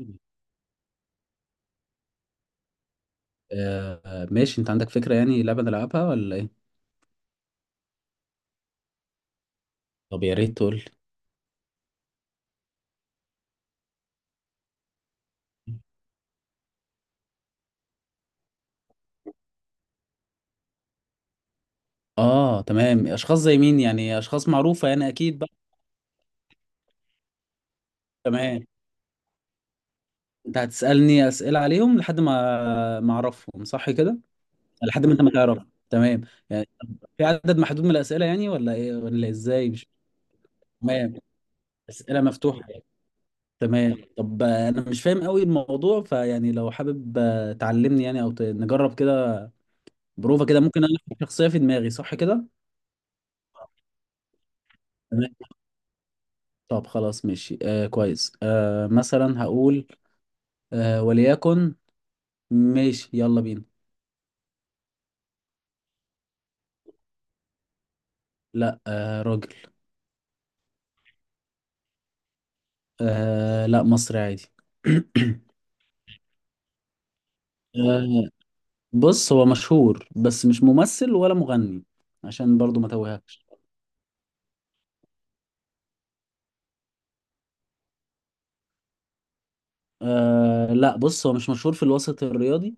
آه ماشي انت عندك فكرة؟ يعني لعبة نلعبها ولا ايه؟ طب يا ريت تقول لي. اه تمام، اشخاص زي مين؟ يعني اشخاص معروفة يعني اكيد بقى. تمام، انت هتسألني اسئلة عليهم لحد ما اعرفهم صح كده؟ لحد ما انت ما تعرف. تمام يعني. في عدد محدود من الاسئلة يعني؟ ولا ايه ولا ازاي؟ مش تمام. اسئلة مفتوحة يعني. تمام. طب انا مش فاهم قوي الموضوع، فيعني لو حابب تعلمني يعني او نجرب كده. بروفة كده ممكن. انا احط شخصية في دماغي صح كده؟ طب خلاص ماشي، آه كويس. آه مثلا هقول، آه وليكن. ماشي يلا بينا. لا آه راجل. آه لا، مصري عادي. آه بص هو مشهور بس مش ممثل ولا مغني، عشان برضو ما توهكش. آه لا، بص هو مش مشهور في الوسط الرياضي،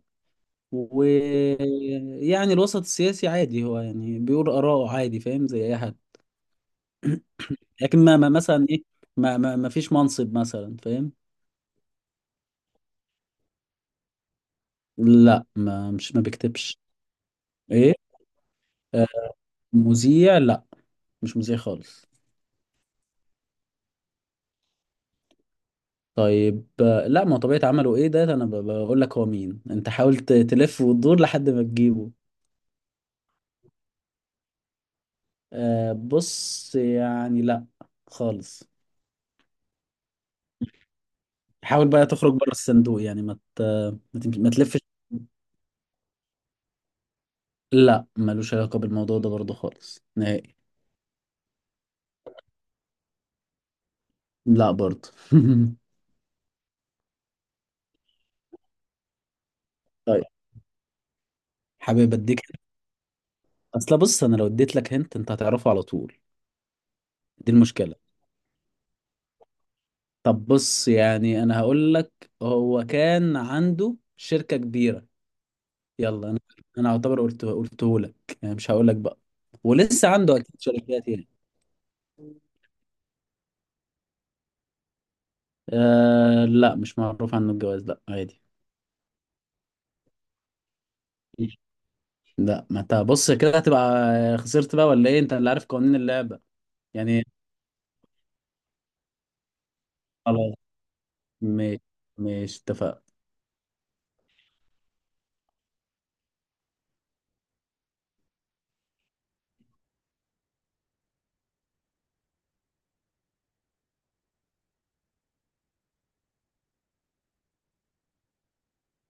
ويعني الوسط السياسي عادي، هو يعني بيقول آراءه عادي فاهم، زي أي حد. لكن مثلا إيه. ما فيش منصب مثلا فاهم. لا ما مش ما بيكتبش. ايه؟ آه، مذيع لا، مش مذيع خالص. طيب لا ما هو طبيعة عمله ايه، ده انا بقول لك هو مين، انت حاول تلف وتدور لحد ما تجيبه. آه، بص يعني لا، خالص. حاول بقى تخرج بره الصندوق، يعني ما تلفش. لا ملوش علاقة بالموضوع ده برضه خالص نهائي. لا برضه. طيب، حابب اديك. اصل بص انا لو اديت لك هنت، انت هتعرفه على طول. دي المشكلة. طب بص يعني انا هقول لك، هو كان عنده شركة كبيرة. يلا انا، انا اعتبر قلته لك، يعني مش هقول لك بقى. ولسه عنده اكيد شركات يعني. أه لا، مش معروف عنه الجواز، لا عادي. لا ما انت بص كده هتبقى خسرت بقى ولا ايه، انت اللي عارف قوانين اللعبة. يعني خلاص ماشي. ماشي اتفقنا.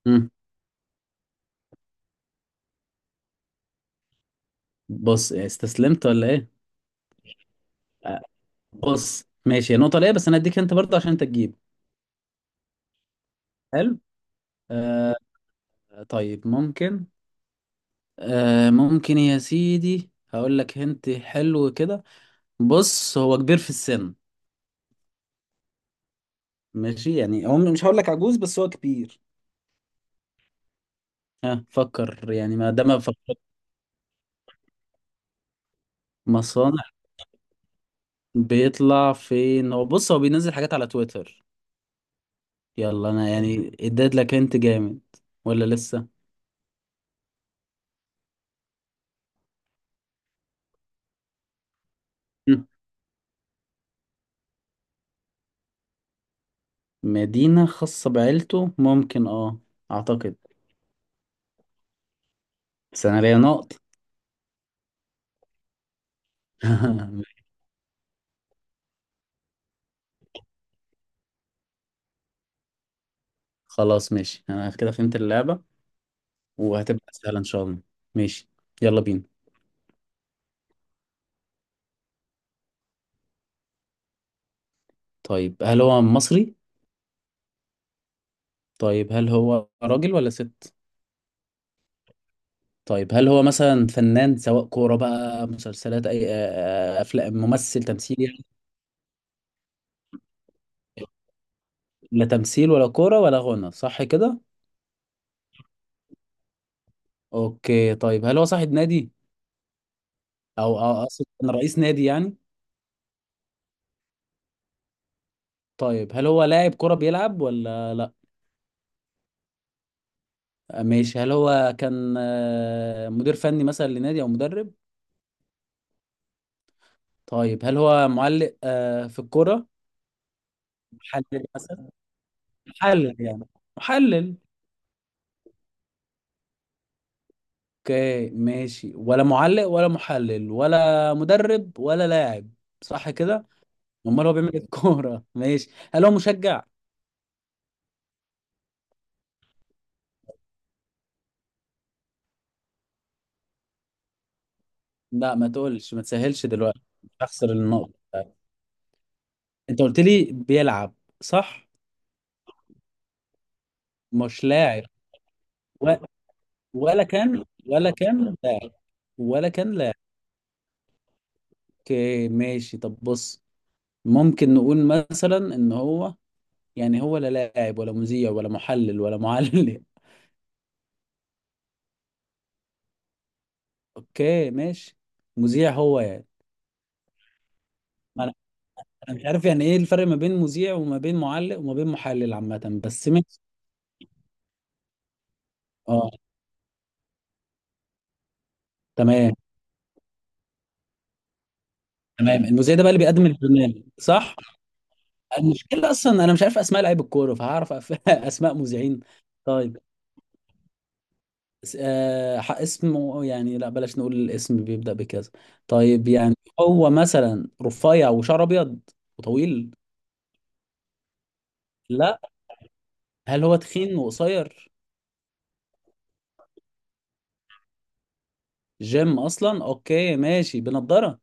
مم. بص استسلمت ولا ايه؟ آه، بص ماشي، هي نقطة ليه بس انا هديك انت برضه عشان انت تجيب. حلو. آه طيب ممكن، آه ممكن يا سيدي هقول لك، هنت حلو كده. بص هو كبير في السن. ماشي يعني هو مش هقول لك عجوز بس هو كبير. ها فكر يعني، ما ده ما فكر. مصانع. بيطلع فين؟ هو بص هو بينزل حاجات على تويتر. يلا انا يعني اديت لك، انت جامد ولا لسه؟ مم. مدينة خاصة بعيلته، ممكن اه، اعتقد. بس انا ليا نقط. خلاص ماشي، انا كده فهمت اللعبة، وهتبقى سهلة ان شاء الله. ماشي يلا بينا. طيب هل هو مصري؟ طيب هل هو راجل ولا ست؟ طيب هل هو مثلا فنان، سواء كورة بقى، مسلسلات، أي أفلام، ممثل، تمثيل يعني؟ لا تمثيل ولا كورة ولا غنى، صح كده؟ أوكي طيب هل هو صاحب نادي؟ أو أقصد كان رئيس نادي يعني؟ طيب هل هو لاعب كورة بيلعب ولا لأ؟ آه، ماشي. هل هو كان مدير فني مثلا لنادي أو مدرب؟ طيب هل هو معلق في الكورة؟ محلل مثلا؟ محلل يعني، محلل. اوكي ماشي، ولا معلق ولا محلل ولا مدرب ولا لاعب، صح كده؟ امال هو بيعمل إيه في الكوره؟ ماشي هل هو مشجع؟ لا ما تقولش، ما تسهلش دلوقتي، اخسر النقطه. انت قلت لي بيلعب، صح؟ مش لاعب. و... ولا كان لاعب. ولا كان لاعب. اوكي ماشي طب بص، ممكن نقول مثلا ان هو يعني هو لا لاعب ولا مذيع ولا محلل ولا معلق. اوكي ماشي. مذيع هو يعني؟ ما انا مش عارف يعني ايه الفرق ما بين مذيع وما بين معلق وما بين محلل عامة، بس ماشي. اه تمام. تمام المذيع ده بقى اللي بيقدم البرنامج صح؟ المشكلة اصلا انا مش عارف اسماء لعيب الكورة، فهعرف اسماء مذيعين؟ طيب آه اسمه يعني، لا بلاش نقول الاسم بيبدأ بكذا. طيب يعني هو مثلا رفيع وشعر ابيض وطويل؟ لا. هل هو تخين وقصير؟ جيم اصلا، اوكي ماشي. بنضارة؟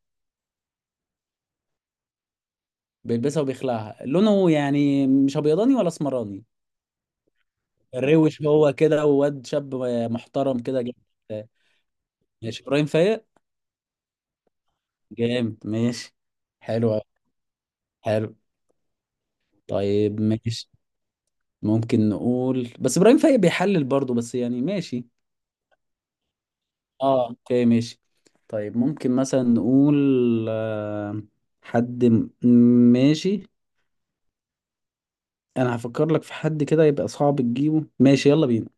بيلبسها وبيخلعها، لونه يعني مش ابيضاني ولا اسمراني؟ روش هو كده، وواد شاب محترم كده جامد؟ ماشي، ابراهيم فايق؟ جامد ماشي. حلو أوي، حلو. طيب ماشي. ممكن نقول بس ابراهيم فايق بيحلل برضه، بس يعني ماشي. اه اوكي ماشي. طيب ممكن مثلا نقول، آه، حد ماشي، انا هفكر لك في حد كده يبقى صعب تجيبه. ماشي يلا بينا.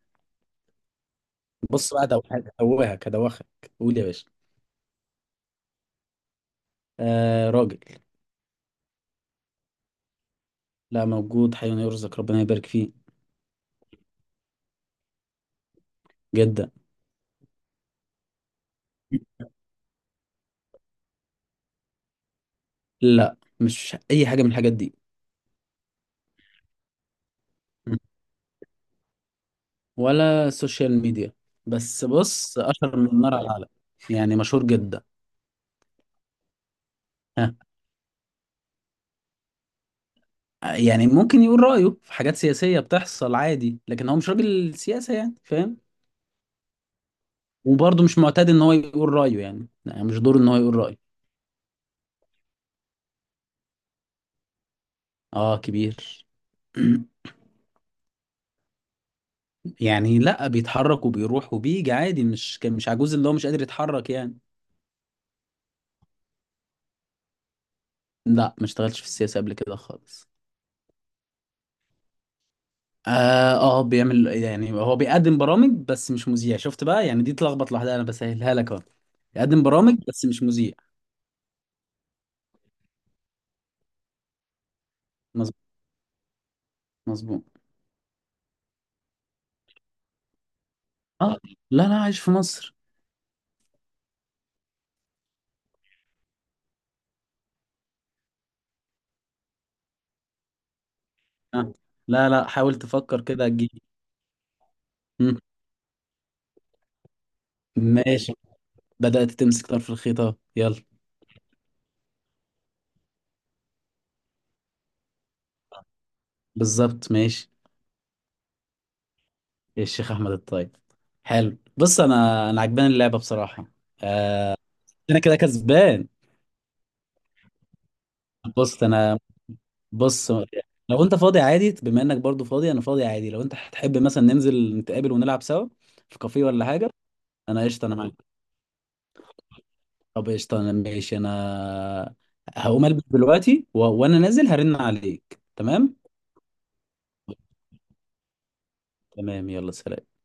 بص بقى هدوخك، هدوخك. قول يا باشا. آه راجل. لا موجود، حي يرزق ربنا يبارك فيه. جدا. لا مش اي حاجه من الحاجات دي. ولا سوشيال ميديا، بس بص اشهر من النار على العالم. يعني مشهور جدا. ها، يعني ممكن يقول رايه في حاجات سياسيه بتحصل عادي، لكن هو مش راجل سياسه، يعني فاهم. وبرضه مش معتاد ان هو يقول رايه، يعني يعني مش دوره ان هو يقول رايه. اه كبير. يعني لا بيتحرك وبيروح وبيجي عادي، مش كان مش عجوز اللي هو مش قادر يتحرك يعني. لا ما اشتغلتش في السياسه قبل كده خالص. اه، بيعمل يعني هو بيقدم برامج بس مش مذيع، شفت بقى يعني دي تلخبط لوحدها، انا بسهلها لك اهو. يقدم برامج بس مش مذيع، مظبوط مظبوط. اه لا لا، عايش في مصر. آه. لا لا، حاول تفكر كده تجيب. مم. ماشي. بدأت تمسك طرف الخيطة، يلا. بالظبط ماشي. إيه الشيخ احمد الطيب؟ حلو بص، انا عجباني اللعبة بصراحة. آه. انا كده كسبان. بص انا بص لو انت فاضي عادي، بما انك برضو فاضي، انا فاضي عادي، لو انت هتحب مثلا ننزل نتقابل ونلعب سوا في كافيه ولا حاجه. انا قشطه انا معاك. طب قشطه انا ماشي، انا هقوم البس دلوقتي وانا نازل هرن عليك. تمام تمام، يلا سلام.